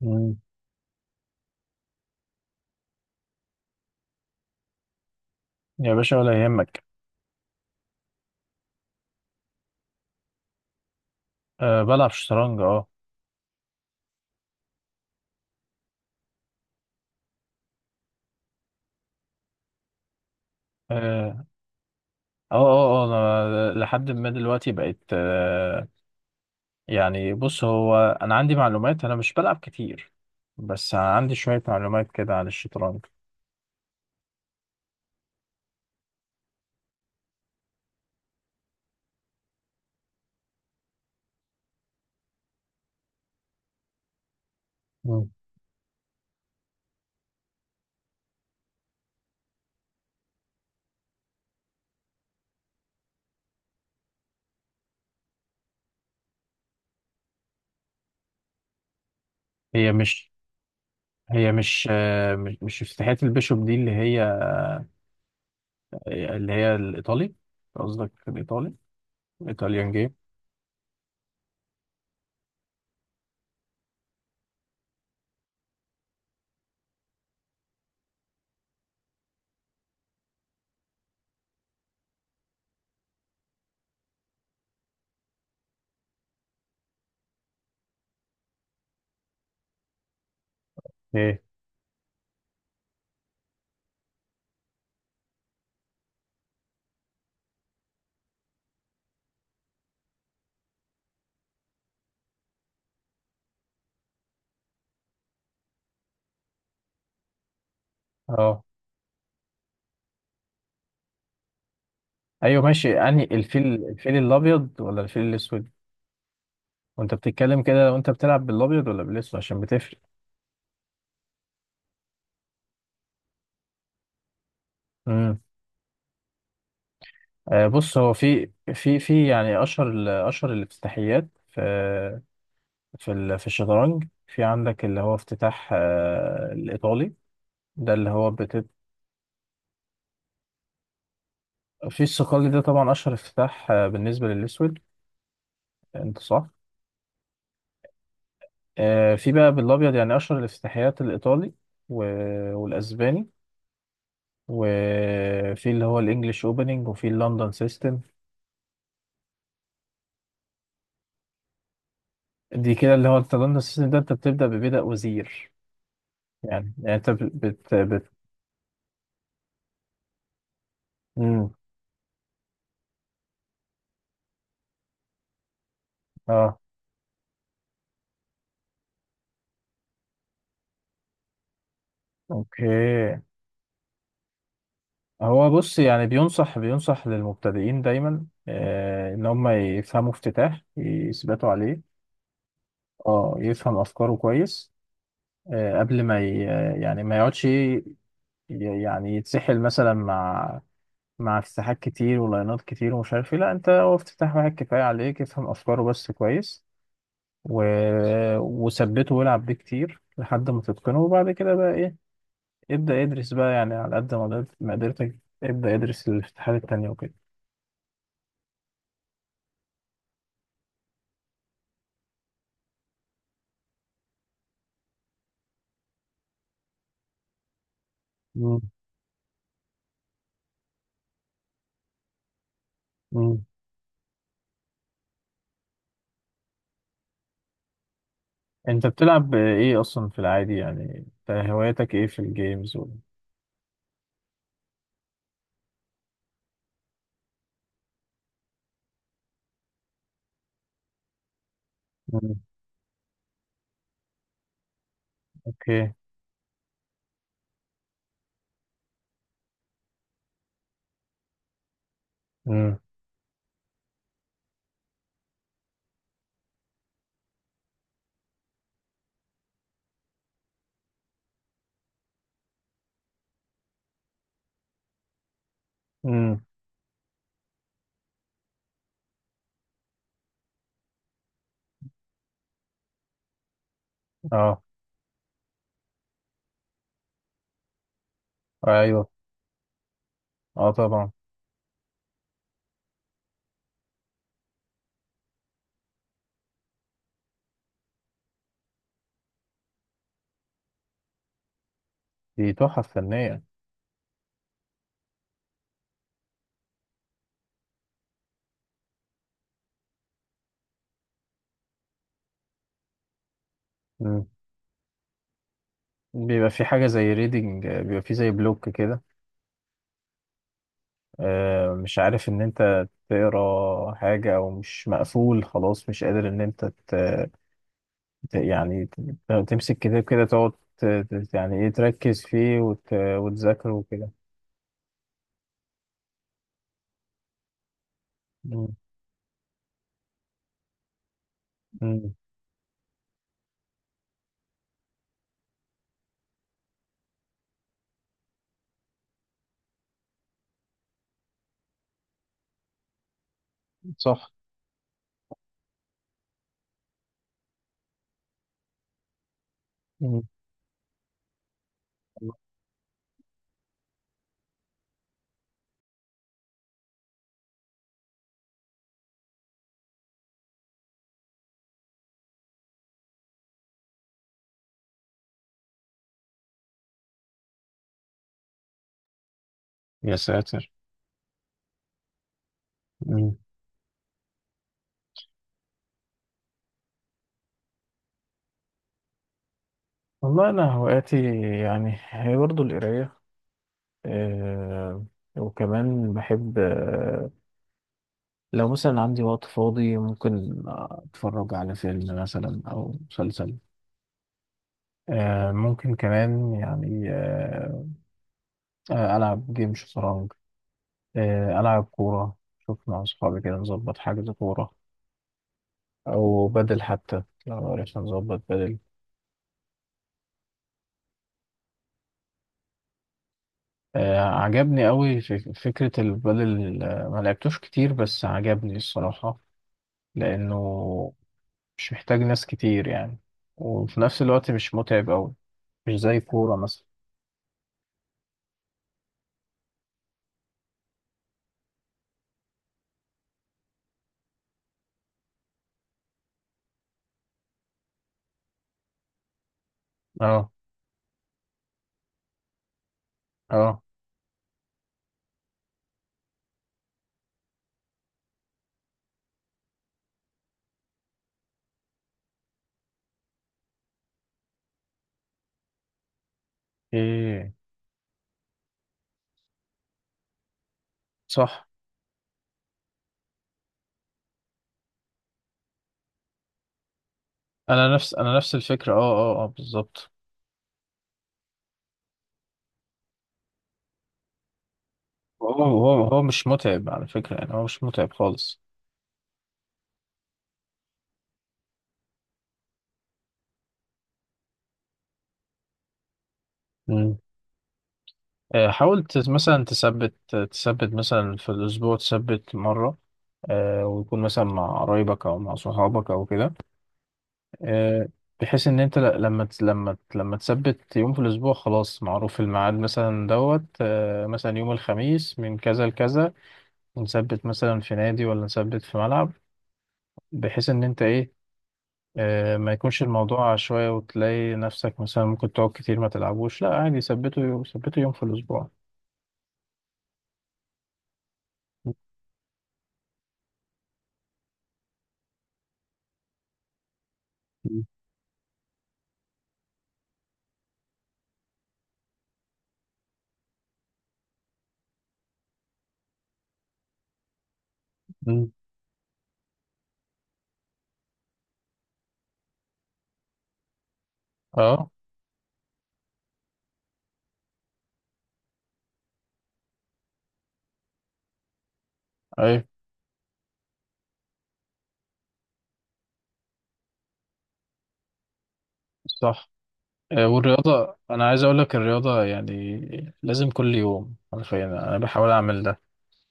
مم. يا باشا ولا يهمك. أه، بلعب شطرنج. اه اه انا لحد ما دلوقتي بقيت، أه يعني بص هو، انا عندي معلومات، انا مش بلعب كتير، بس عندي شوية معلومات كده عن الشطرنج. مم. هي مش هي مش أه مش مش افتتاحية البيشوب دي اللي هي، اللي هي الايطالي؟ قصدك الايطالي، الايطاليان جيم؟ ايه. اه، ايوه ماشي، يعني الفيل الابيض ولا الفيل الاسود؟ وانت بتتكلم كده لو انت بتلعب بالابيض ولا بالاسود، عشان بتفرق. امم. آه بص، هو في يعني اشهر اشهر الافتتاحيات في الشطرنج، في عندك اللي هو افتتاح، آه، الايطالي. ده اللي هو بتبقى في الصقلي، ده طبعا اشهر افتتاح، آه، بالنسبه للاسود. انت صح. آه، في بقى بالابيض يعني اشهر الافتتاحيات الايطالي و... والاسباني، وفي اللي هو الانجليش اوبننج، وفي اللندن سيستم. دي كده اللي هو انت، اللندن سيستم ده انت بتبدا ببدأ وزير. يعني يعني انت مم. اه، اوكي. هو بص يعني، بينصح بينصح للمبتدئين دايما، آه، ان هم يفهموا افتتاح يثبتوا عليه. اه، يفهم افكاره كويس. آه قبل ما ي... يعني ما يقعدش يتسحل مثلا مع، مع افتتاحات كتير ولاينات كتير ومش عارف ايه. لا، انت هو افتتاح واحد كفايه عليك، افهم افكاره بس كويس، و... وثبته والعب بيه كتير لحد ما تتقنه، وبعد كده بقى ايه، ابدأ ادرس بقى يعني على قد ما قدرتك، ابدأ ادرس الافتتاحات التانية وكده. مم. مم. انت بتلعب ايه اصلا في العادي يعني، انت هواياتك ايه في الجيمز مم. اوكي. امم. امم. اه. ايوه. اه طبعا. دي تحف فنية. امم. بيبقى في حاجة زي ريدنج، بيبقى في زي بلوك كده، آه، مش عارف ان انت تقرا حاجة، او مش مقفول خلاص مش قادر ان انت ت- يعني تمسك كتاب كده، تقعد ايه تركز فيه وتذاكره وكده. مم. مم. صح. مم. يا ساتر. مم. والله أنا هواياتي يعني هي برضه القراية، آه، وكمان بحب، آه، لو مثلا عندي وقت فاضي ممكن أتفرج على فيلم مثلا أو مسلسل. آه، ممكن كمان يعني، آه، ألعب جيم شطرنج، آه، ألعب كورة، شوف مع أصحابي كده نظبط حجز كورة. أو بدل، حتى لو عرفنا نظبط بدل. آه، عجبني أوي في فكرة البدل، آه، ما لعبتوش كتير بس عجبني الصراحة، لأنه مش محتاج ناس كتير يعني، وفي نفس الوقت مش متعب أوي، مش زي الكورة مثلا. اه. اه. ايه. صح. أنا نفس الفكرة، اه اه اه، بالظبط. هو مش متعب على فكرة، يعني هو مش متعب خالص. آه، حاول تس- مثلا تثبت، تثبت مثلا في الأسبوع تثبت مرة، آه، ويكون مثلا مع قرايبك أو مع صحابك أو كده. آه، بحيث إن أنت ل- لما تس- لما ت- لما تثبت يوم في الأسبوع، خلاص معروف الميعاد مثلا، دوت، آه، مثلا يوم الخميس من كذا لكذا، نثبت مثلا في نادي ولا نثبت في ملعب. بحيث إن أنت إيه، آه، ما يكونش الموضوع عشوائي وتلاقي نفسك مثلا ممكن تقعد كتير ما تلعبوش. لا عادي، ثبته يوم، ثبته يوم في الأسبوع. مم. مم. اه. ايوه. صح. آه، والرياضة أنا عايز أقول لك الرياضة يعني لازم كل يوم حرفيا، أنا بحاول أعمل ده،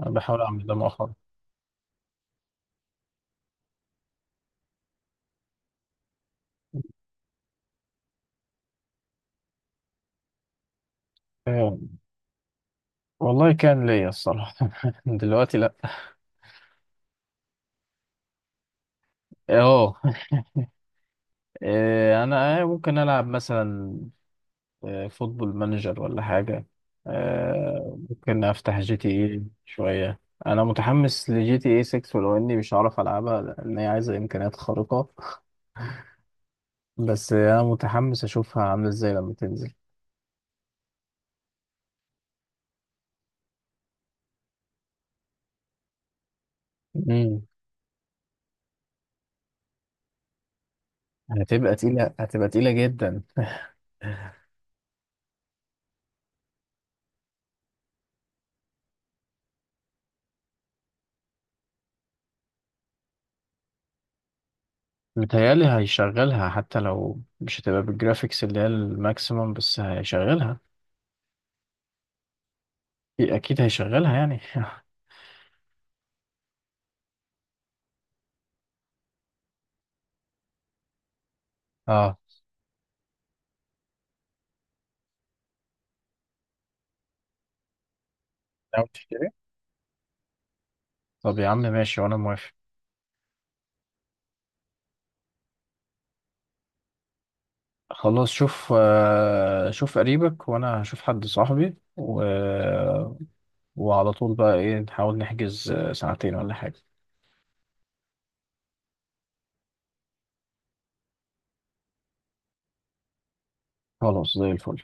أنا بحاول أعمل ده مؤخرا. آه، والله كان ليا الصراحة دلوقتي لأ. أه، آه، أنا، آه، ممكن ألعب مثلا، آه، فوتبول مانجر ولا حاجة. آه، ممكن أفتح جي تي إيه شوية. أنا متحمس لجي تي إيه 6، ولو إني مش هعرف ألعبها لأن هي عايزة إمكانيات خارقة، بس أنا متحمس أشوفها عاملة إزاي لما تنزل. هتبقى تقيلة، هتبقى تقيلة جدا. متهيألي هيشغلها، حتى لو مش هتبقى بالجرافيكس اللي هي الماكسيموم بس هيشغلها. أكيد هيشغلها يعني اه. ناوي تشتري؟ طب يا عم ماشي، وأنا موافق. خلاص شوف، آه، شوف قريبك وأنا هشوف حد صاحبي وعلى طول بقى إيه نحاول نحجز، آه، ساعتين ولا حاجة. خلاص زي الفل.